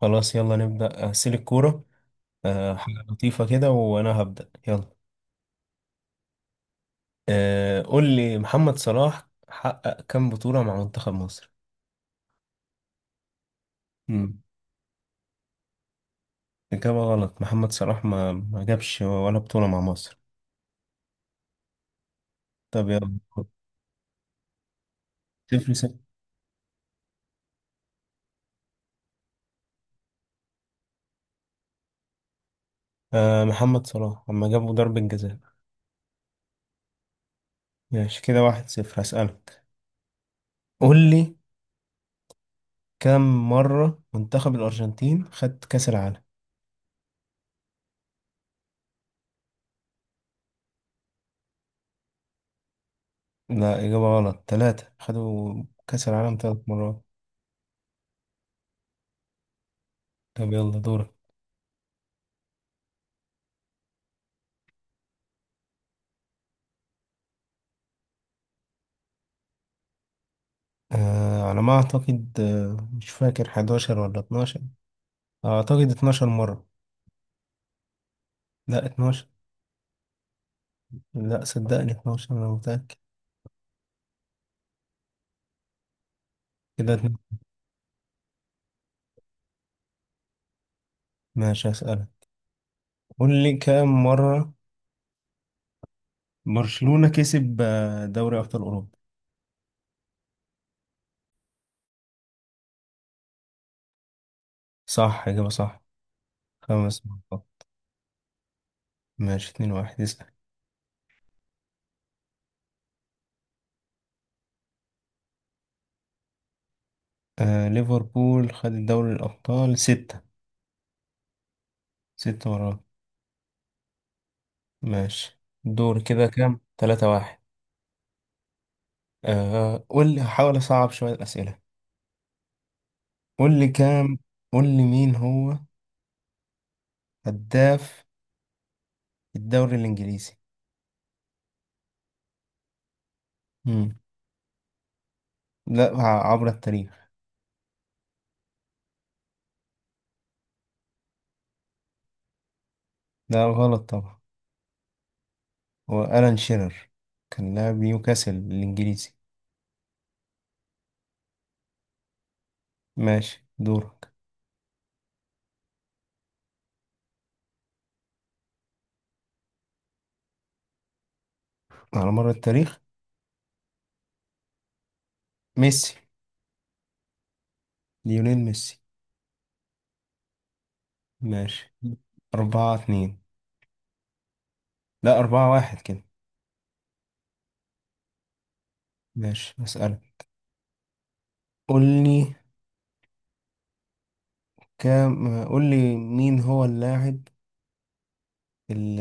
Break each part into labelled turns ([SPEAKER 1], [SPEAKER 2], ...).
[SPEAKER 1] خلاص يلا نبدأ أسيل الكورة. حاجة لطيفة كده وأنا هبدأ يلا. قول لي، محمد صلاح حقق كام بطولة مع منتخب مصر؟ مم. إجابة غلط، محمد صلاح ما جابش ولا بطولة مع مصر. طب يلا. صفر صفر. آه، محمد صلاح لما جابوا ضربة جزاء. ماشي، كده واحد صفر. هسألك، قول لي كم مرة منتخب الأرجنتين خد كأس العالم؟ لا، إجابة غلط، تلاتة، خدوا كأس العالم تلات مرات. طب يلا دورك. آه، على ما أعتقد مش فاكر 11 ولا 12، أعتقد 12 مرة. لا، 12. لا، صدقني 12، أنا متأكد. كده اتنين. ماشي، هسألك، قول لي كام مرة برشلونة كسب دوري أبطال أوروبا؟ صح، إجابة صح. خمس مرات. ماشي اتنين واحد، اسأل. آه، ليفربول خد دوري الأبطال ستة، ستة مرات. ماشي، دور، كده كام، تلاتة واحد. آه، قول لي، هحاول أصعب شوية الأسئلة. قول لي كام، قول لي مين هو هداف الدوري الإنجليزي؟ مم. لا، عبر التاريخ. لا، غلط طبعا. هو ألان شيرر، كان لاعب نيوكاسل الإنجليزي. ماشي دورك. على مر التاريخ. ميسي. ليونيل ميسي. ماشي، أربعة اتنين. لا، أربعة واحد كده. ماشي، أسألك. قول لي كام، قول لي مين هو اللاعب ال-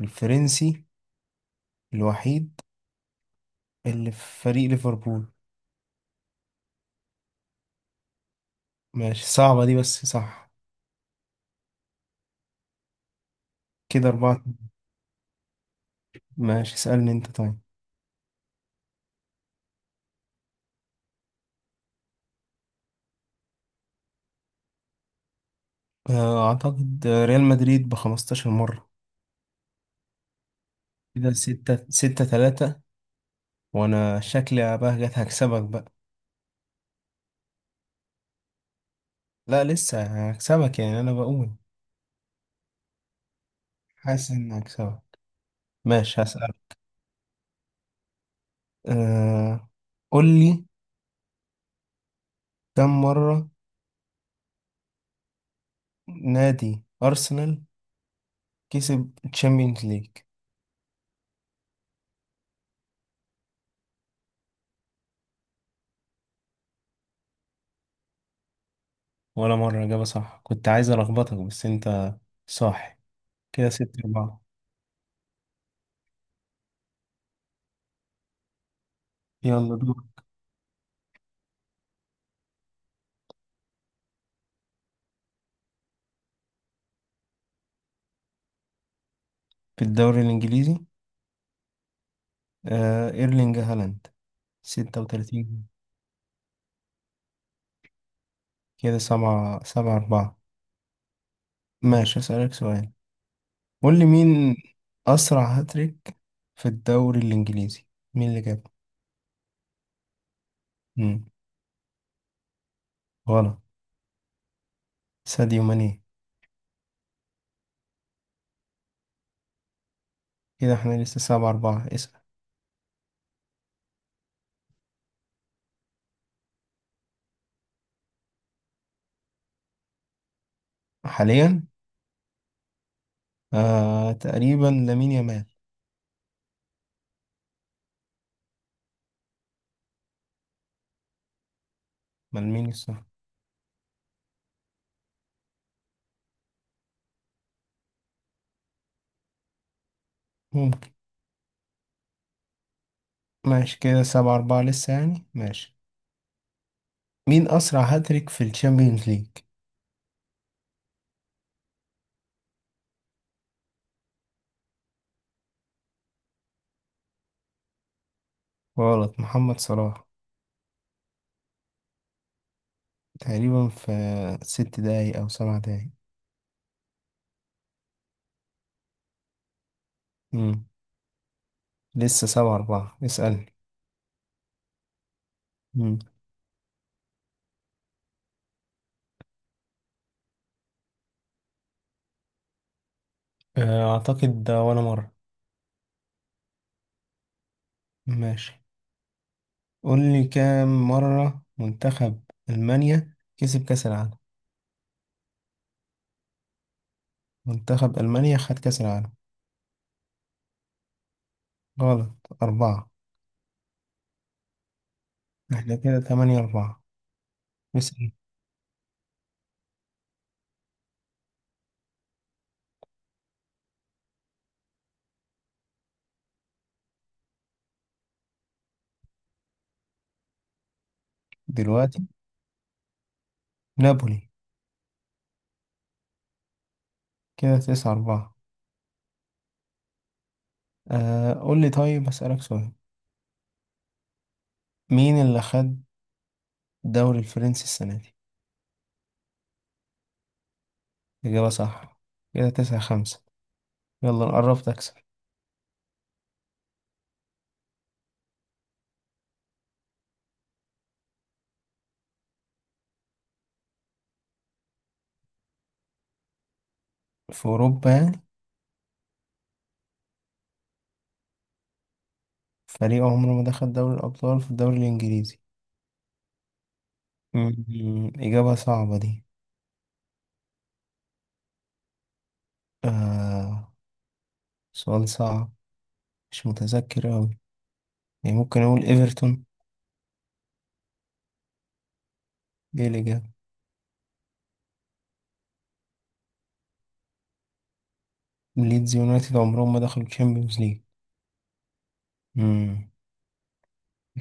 [SPEAKER 1] الفرنسي الوحيد اللي في فريق ليفربول؟ ماشي، صعبة دي بس صح. كده أربعة. ماشي، اسألني انت طيب. اعتقد ريال مدريد ب 15 مرة. كده ستة، ستة تلاتة، وانا شكلي بقى جت، هكسبك بقى. لا لسه، هكسبك يعني، انا بقول. حاسس اني هكسبك. ماشي، هسألك. أه قول لي كم مرة نادي ارسنال كسب تشامبيونز ليج؟ ولا مرة، اجابة صح، كنت عايز الخبطك بس انت صح. كده ستة أربعة. يلا دور. في الدوري الانجليزي. ايرلينج هالاند، 36. كده سبعة، سبعة أربعة. ماشي، أسألك سؤال. قول لي، مين أسرع هاتريك في الدوري الإنجليزي، مين اللي جابه؟ مم. غلط. ساديو ماني. كده احنا لسه سبعة أربعة، اسأل. حاليا. تقريبا لامين يامال. ما لامين الصح. ممكن. ماشي، كده سبعة أربعة لسه يعني، ماشي. مين أسرع هاتريك في الشامبيونز ليج؟ غلط، محمد صلاح. تقريبا في ست دقايق أو سبع دقايق. مم. لسه سبعة أربعة، اسألني. أعتقد ده ولا مرة. ماشي، قول لي كام مرة منتخب ألمانيا كسب كأس العالم. منتخب ألمانيا خد كأس العالم. غلط. أربعة. احنا كده تمانية أربعة. اسأل. دلوقتي. نابولي. كده تسعة أربعة. قول لي طيب، أسألك سؤال. مين اللي خد الدوري الفرنسي السنة دي؟ إجابة صح. كده تسعة خمسة. يلا نقرب تكسب. في أوروبا يعني. فريق عمره ما دخل دوري الأبطال في الدوري الإنجليزي. إجابة صعبة دي. آه سؤال صعب. مش متذكر أوي. يعني ممكن أقول إيفرتون. دي الإجابة. ليدز يونايتد عمرهم ما دخلوا الشامبيونز ليج. مم.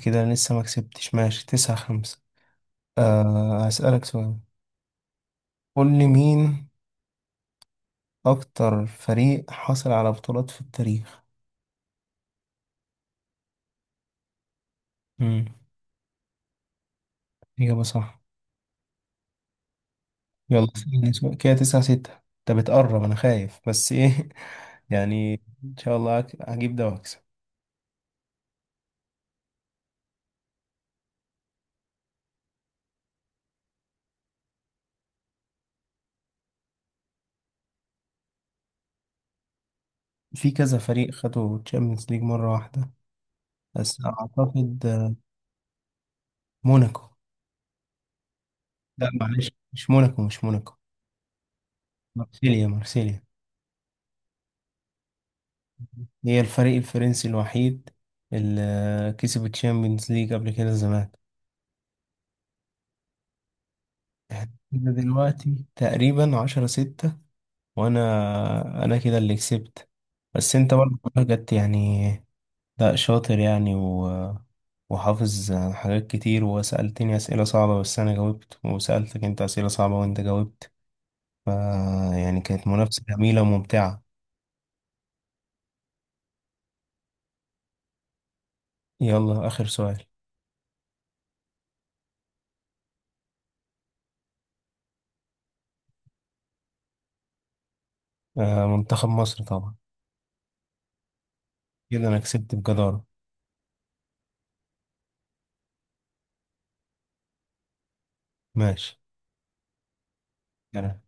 [SPEAKER 1] كده أنا لسه ما كسبتش، ماشي تسعة خمسة. هسألك سؤال. قول لي، مين أكتر فريق حصل على بطولات في التاريخ؟ مم. إجابة صح. يلا، اسألني سؤال. كده تسعة ستة. أنت بتقرب، أنا خايف بس إيه يعني. إن شاء الله هجيب ده وأكسب. في كذا فريق خدوا الشامبيونز ليج مرة واحدة. بس أعتقد موناكو. لا، معلش، مش موناكو، مش موناكو. مارسيليا، مارسيليا. هي الفريق الفرنسي الوحيد اللي كسب الشامبيونز ليج قبل كده زمان. احنا كده دلوقتي تقريبا عشرة ستة. وأنا كده اللي كسبت. بس أنت برضه جت يعني. لا، شاطر يعني وحافظ حاجات كتير، وسألتني أسئلة صعبة بس أنا جاوبت، وسألتك أنت أسئلة صعبة وأنت جاوبت. ف يعني كانت منافسة جميلة وممتعة. يلا آخر سؤال. آه، منتخب مصر طبعا. كده أنا كسبت بجدارة. ماشي يعني.